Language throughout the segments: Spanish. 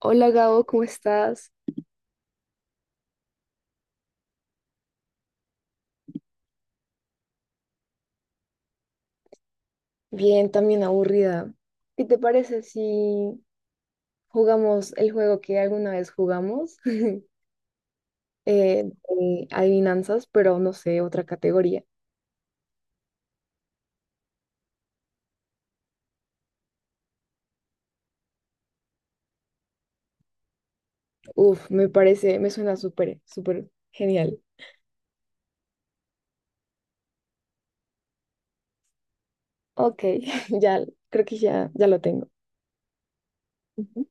Hola Gabo, ¿cómo estás? Bien, también aburrida. ¿Qué te parece si jugamos el juego que alguna vez jugamos? De adivinanzas, pero no sé, otra categoría. Uf, me parece, me suena súper, súper genial. Ok, ya, creo que ya, ya lo tengo. Ujú.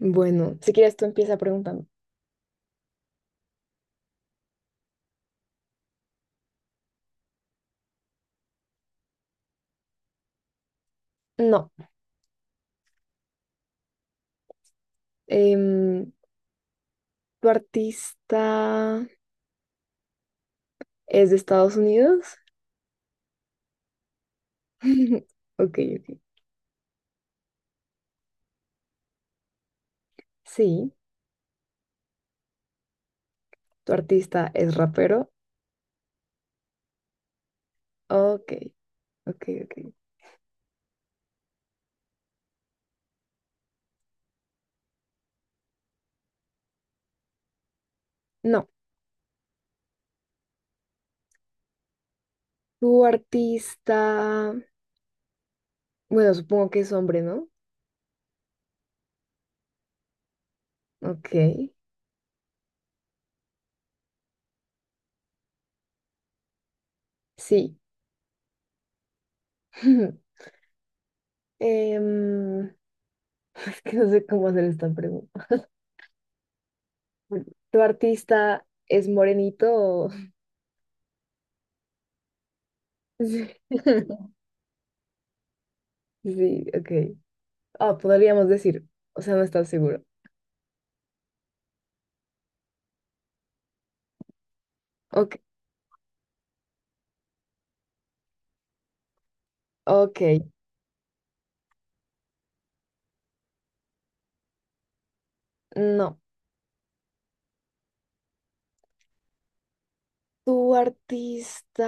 Bueno, si quieres tú empieza preguntando. No, em, ¿tu artista es de Estados Unidos? Ok, ok. Sí, ¿tu artista es rapero? Ok, ok, ok. No, tu artista, bueno, supongo que es hombre, ¿no? Ok, sí. Em, es que no sé cómo hacer esta pregunta. Bueno, ¿tu artista es morenito? Sí, sí, ok. Ah, podríamos decir, o sea, no estás seguro. Ok, ok, no. Tu artista,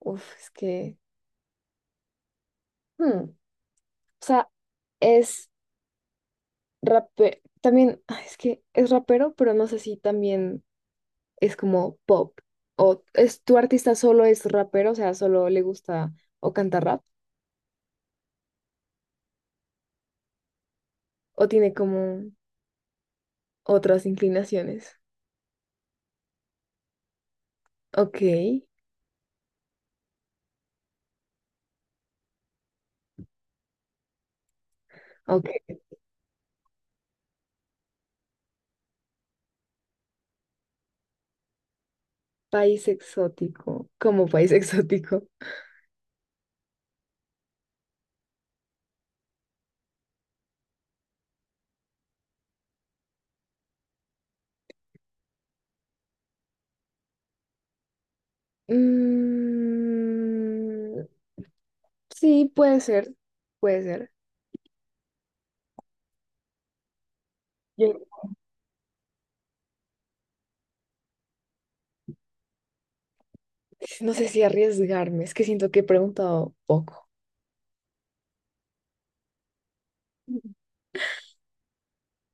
uf, es que, o sea, es también, ah, es que es rapero, pero no sé si también es como pop. O es tu artista solo es rapero, o sea, solo le gusta o canta rap, o tiene como otras inclinaciones. Ok, ok. ¿País exótico? ¿Como país exótico? Mm, sí, puede ser, puede ser. Yo no sé si arriesgarme, es que siento que he preguntado poco.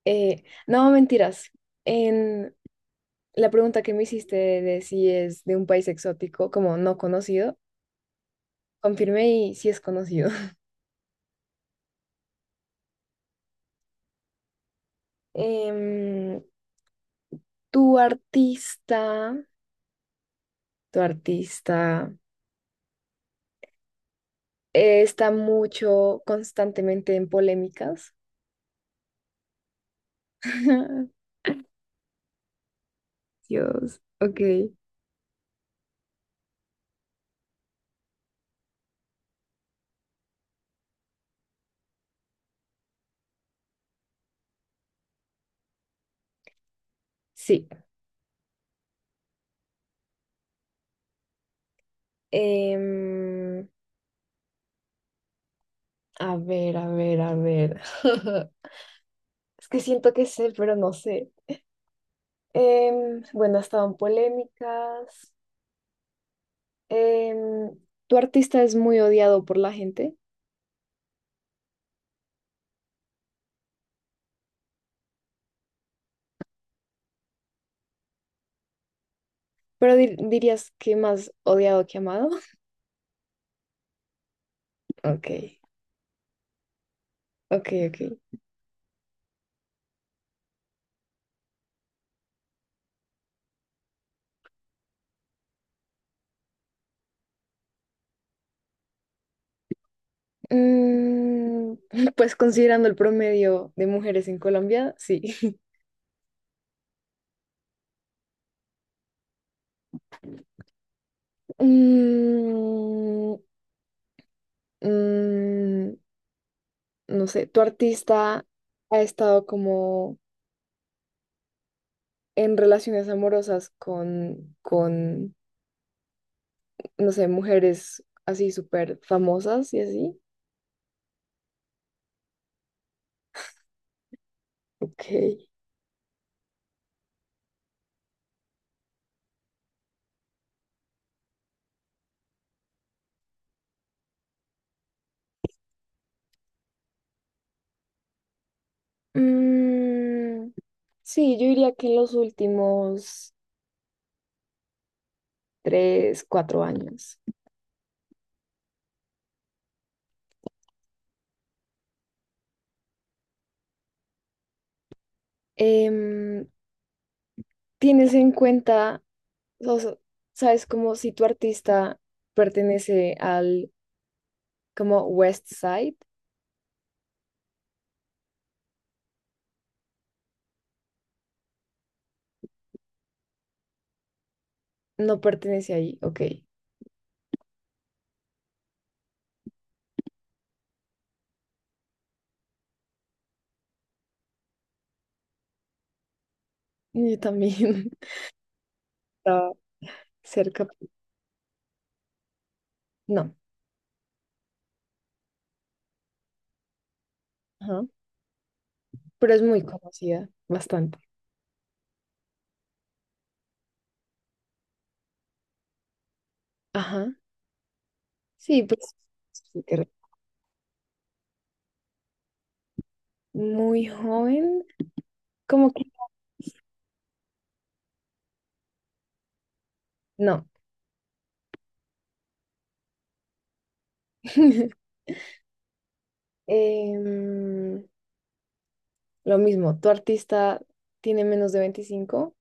No, mentiras. En la pregunta que me hiciste de si es de un país exótico, como no conocido, confirmé y sí es conocido. Em, tu artista, tu artista está mucho constantemente en polémicas. Dios, ok. Sí. Em, a ver, a ver, a ver. Es que siento que sé, pero no sé. Bueno, estaban polémicas. Em, tu artista es muy odiado por la gente, pero dirías que más odiado que amado. Ok, ok, ok. Mm, pues considerando el promedio de mujeres en Colombia, sí. Mm, mm, no sé, tu artista ha estado como en relaciones amorosas con, no sé, mujeres así súper famosas y así. Ok. Mm, sí, yo diría que en los últimos 3, 4 años. Em, tienes en cuenta, o sea, sabes como si tu artista pertenece al como West Side, no pertenece ahí, ok. Yo también estaba cerca, no, ajá, pero es muy conocida, bastante. Ajá. Sí, pues sí, muy joven, como que no. Em, lo mismo, tu artista tiene menos de 25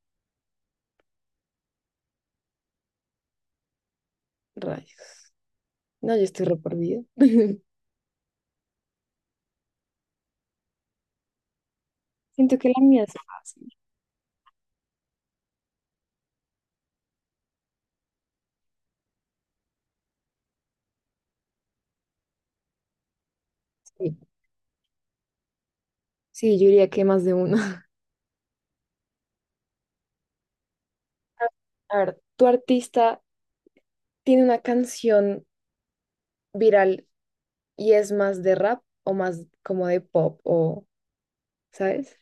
rayos. No, yo estoy re perdida. Siento que la mía es fácil. Sí, sí, yo diría que más de uno. A ver, ¿tu artista tiene una canción viral y es más de rap o más como de pop o, ¿sabes?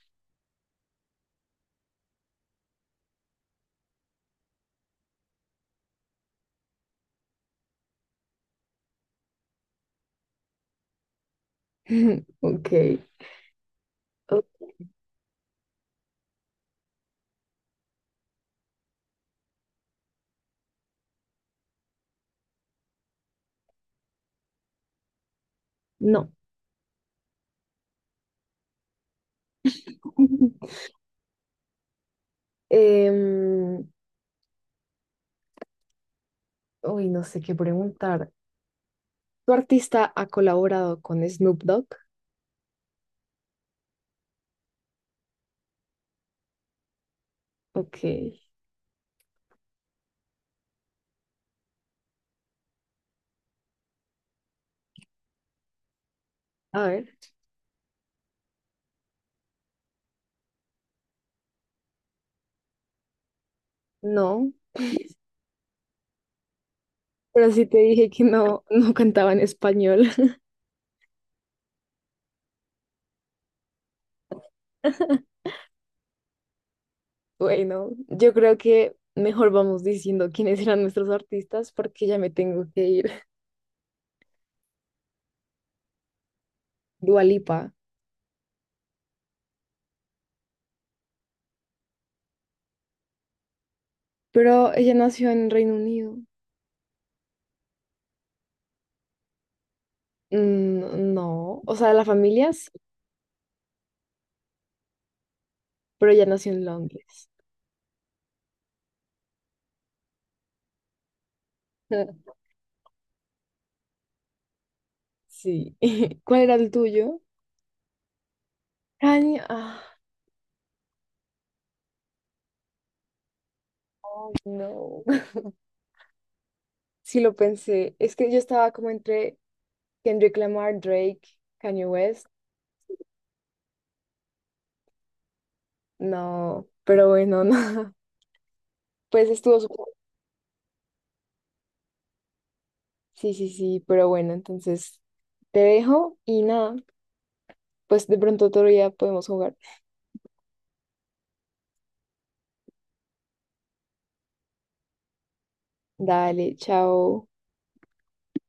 Ok. Oh, no. Em, uy, no sé qué preguntar. ¿Tu artista ha colaborado con Snoop Dogg? Ok. A ver, no. Pero sí te dije que no, no cantaba en español. Bueno, yo creo que mejor vamos diciendo quiénes eran nuestros artistas porque ya me tengo que ir. Dua Lipa. Pero ella nació en Reino Unido. Mm, no, o sea, la familia sí, pero ella nació en Londres. Sí. ¿Cuál era el tuyo? Kanye. Ah, no. Sí lo pensé. Es que yo estaba como entre Kendrick Lamar, Drake, Kanye West. No, pero bueno, no. Pues estuvo súper. Sí, sí, sí, pero bueno, entonces te dejo y nada, pues de pronto otro día podemos jugar. Dale, chao.